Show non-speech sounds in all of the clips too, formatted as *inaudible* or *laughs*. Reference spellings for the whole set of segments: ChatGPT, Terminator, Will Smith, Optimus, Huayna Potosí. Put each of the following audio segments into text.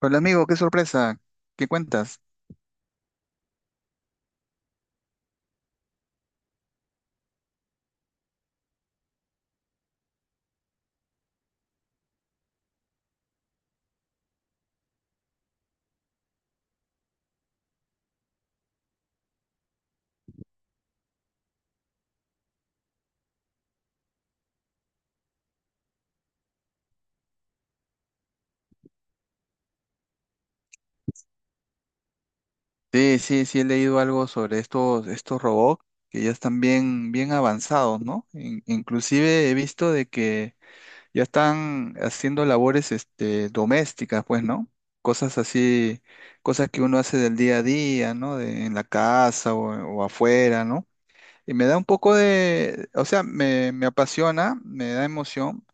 Hola amigo, qué sorpresa, ¿qué cuentas? Sí, sí, sí he leído algo sobre estos robots que ya están bien avanzados, ¿no? Inclusive he visto de que ya están haciendo labores, domésticas, pues, ¿no? Cosas así, cosas que uno hace del día a día, ¿no? En la casa o afuera, ¿no? Y me da un poco de, o sea, me apasiona, me da emoción,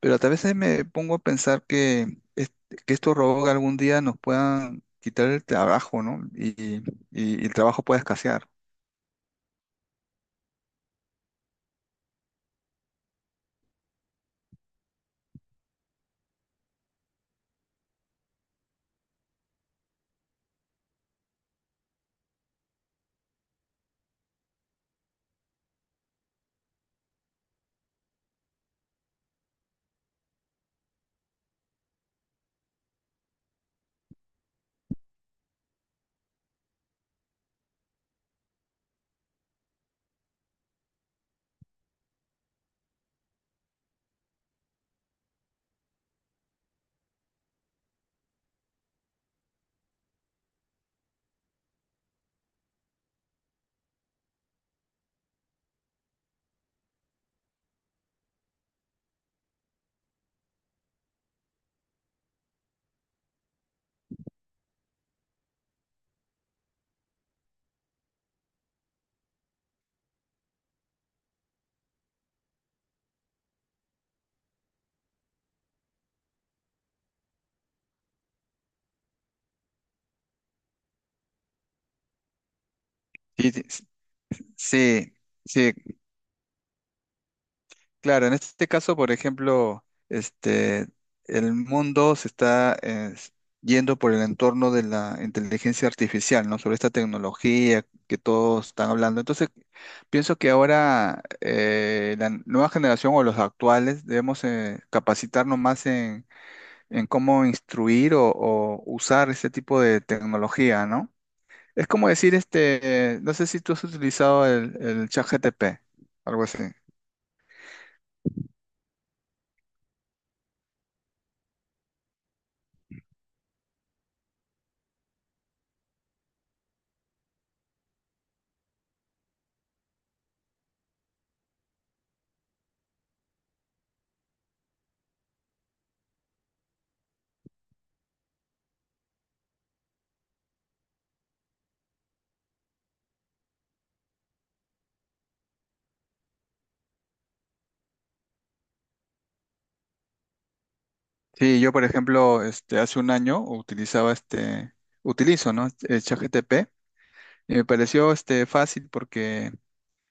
pero a veces me pongo a pensar que que estos robots algún día nos puedan quitar el trabajo, ¿no? Y el trabajo pueda escasear. Sí, sí, sí, sí, claro. En este caso, por ejemplo, el mundo se está yendo por el entorno de la inteligencia artificial, ¿no? Sobre esta tecnología que todos están hablando. Entonces, pienso que ahora la nueva generación o los actuales debemos capacitarnos más en cómo instruir o usar este tipo de tecnología, ¿no? Es como decir, no sé si tú has utilizado el ChatGPT, algo así. Sí, yo por ejemplo, hace un año utilizo, ¿no? Este, el ChatGPT, y me pareció fácil porque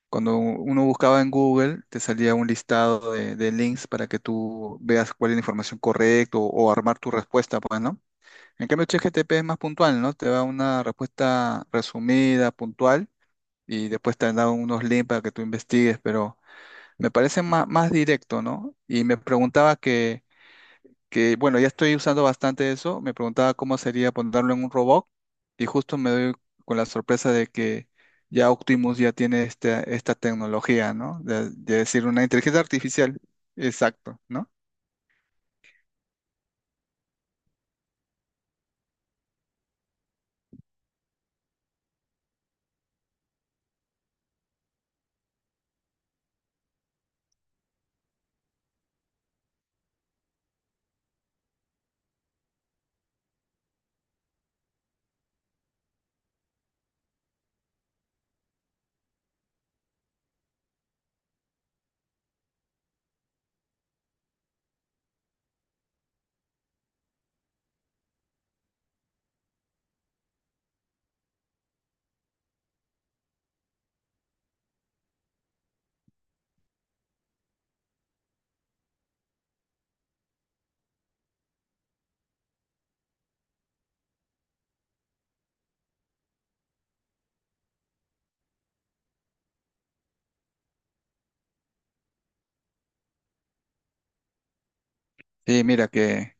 cuando uno buscaba en Google te salía un listado de links para que tú veas cuál es la información correcta o armar tu respuesta, pues, ¿no? En cambio, ChatGPT es más puntual, ¿no? Te da una respuesta resumida, puntual, y después te da unos links para que tú investigues, pero me parece más directo, ¿no? Y me preguntaba que bueno, ya estoy usando bastante eso. Me preguntaba cómo sería ponerlo en un robot, y justo me doy con la sorpresa de que ya Optimus ya tiene esta tecnología, ¿no? De decir una inteligencia artificial. Exacto, ¿no? Sí,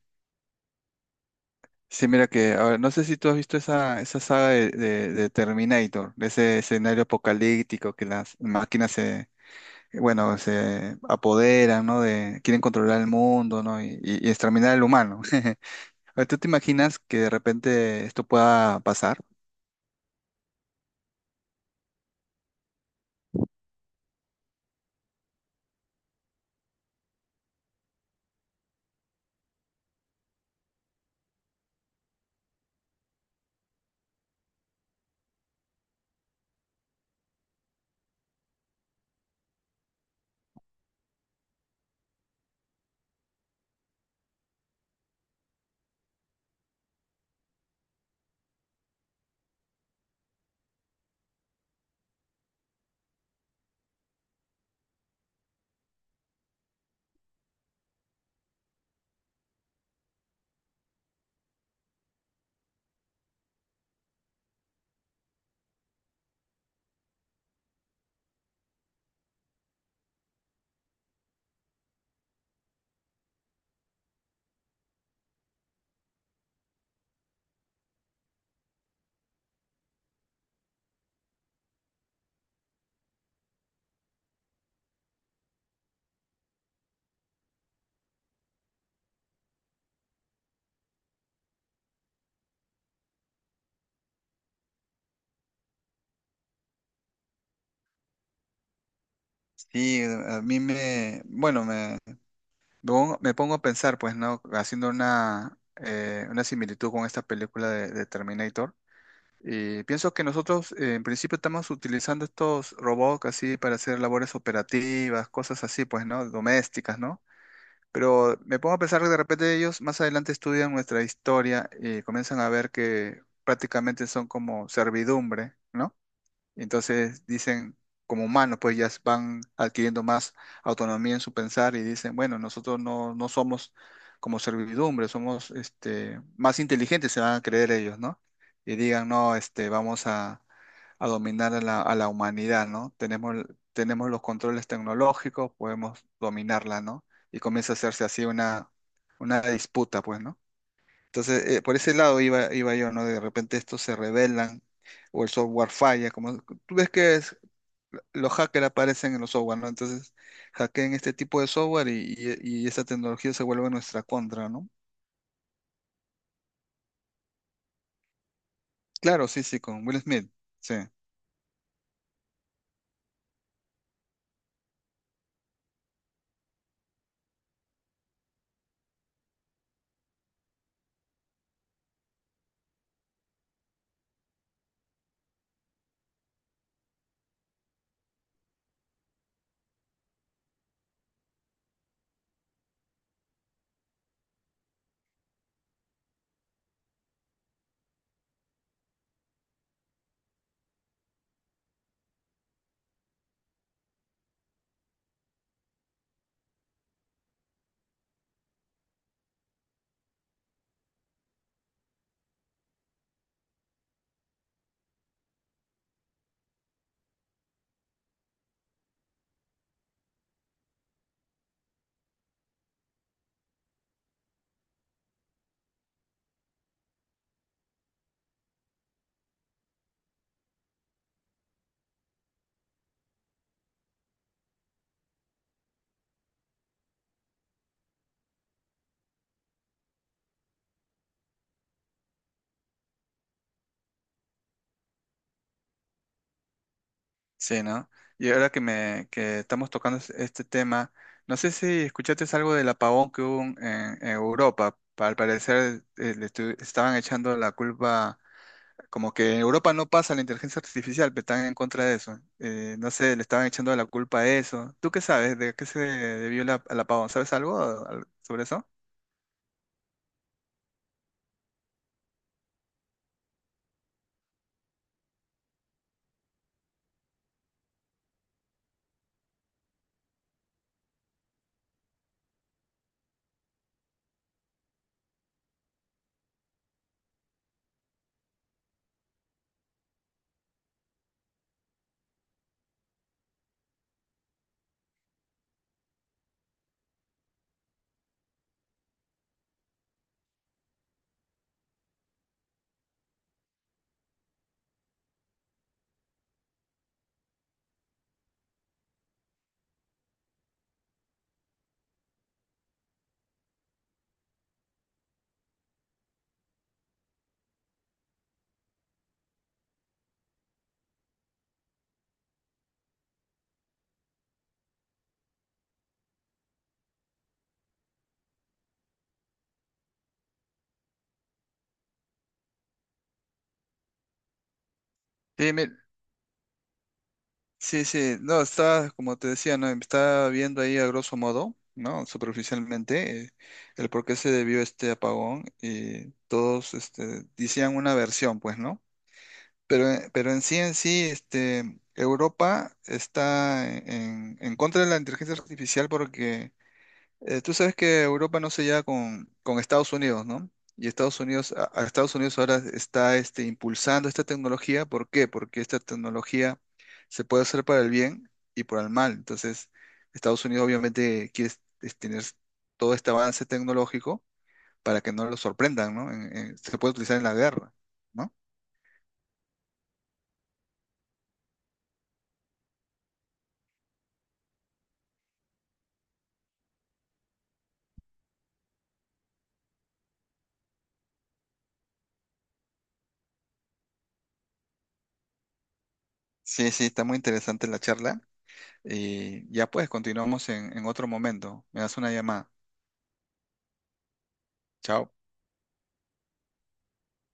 sí, mira que ahora no sé si tú has visto esa saga de Terminator, de ese escenario apocalíptico que las máquinas se, bueno, se apoderan, ¿no? De, quieren controlar el mundo, ¿no? Y exterminar al humano. *laughs* Oye, ¿tú te imaginas que de repente esto pueda pasar? Sí, a mí me, bueno, me pongo a pensar, pues, ¿no? Haciendo una similitud con esta película de Terminator. Y pienso que nosotros, en principio, estamos utilizando estos robots así para hacer labores operativas, cosas así, pues, ¿no? Domésticas, ¿no? Pero me pongo a pensar que de repente ellos más adelante estudian nuestra historia y comienzan a ver que prácticamente son como servidumbre, ¿no? Entonces dicen, como humanos, pues ya van adquiriendo más autonomía en su pensar, y dicen, bueno, nosotros no, no somos como servidumbre, somos más inteligentes, se van a creer ellos, ¿no? Y digan, no, vamos a dominar a a la humanidad, ¿no? Tenemos, tenemos los controles tecnológicos, podemos dominarla, ¿no? Y comienza a hacerse así una disputa, pues, ¿no? Entonces, por ese lado iba yo, ¿no? De repente estos se rebelan o el software falla, como tú ves que los hackers aparecen en los software, ¿no? Entonces, hackean este tipo de software y esa tecnología se vuelve nuestra contra, ¿no? Claro, sí, sí, con Will Smith, sí, sí, ¿no? Y ahora que, me, que estamos este tema, no sé si escuchaste algo del apagón que hubo en Europa. Al parecer le estaban echando la culpa. Como que en Europa no pasa la inteligencia artificial, pero están en contra de eso. No sé, le estaban echando la culpa a eso. ¿Tú qué sabes? ¿De qué se debió al apagón? ¿Sabes algo sobre eso? Sí, sí, sí. No, está, como te decía, ¿no? Está viendo ahí a grosso modo, ¿no? Superficialmente, el por qué se debió este apagón, y todos decían una versión, pues, ¿no? Pero en sí, Europa está en contra de la inteligencia artificial porque tú sabes que Europa no se lleva con Estados Unidos, ¿no? Y a Estados Unidos ahora está impulsando esta tecnología. ¿Por qué? Porque esta tecnología se puede hacer para el bien y para el mal. Entonces, Estados Unidos obviamente tener todo este avance tecnológico para que no lo sorprendan, ¿no? Se puede utilizar en la guerra, ¿no? Sí, sí, está muy interesante la charla. Y ya pues, continuamos en otro momento. Me das una llamada. Chao.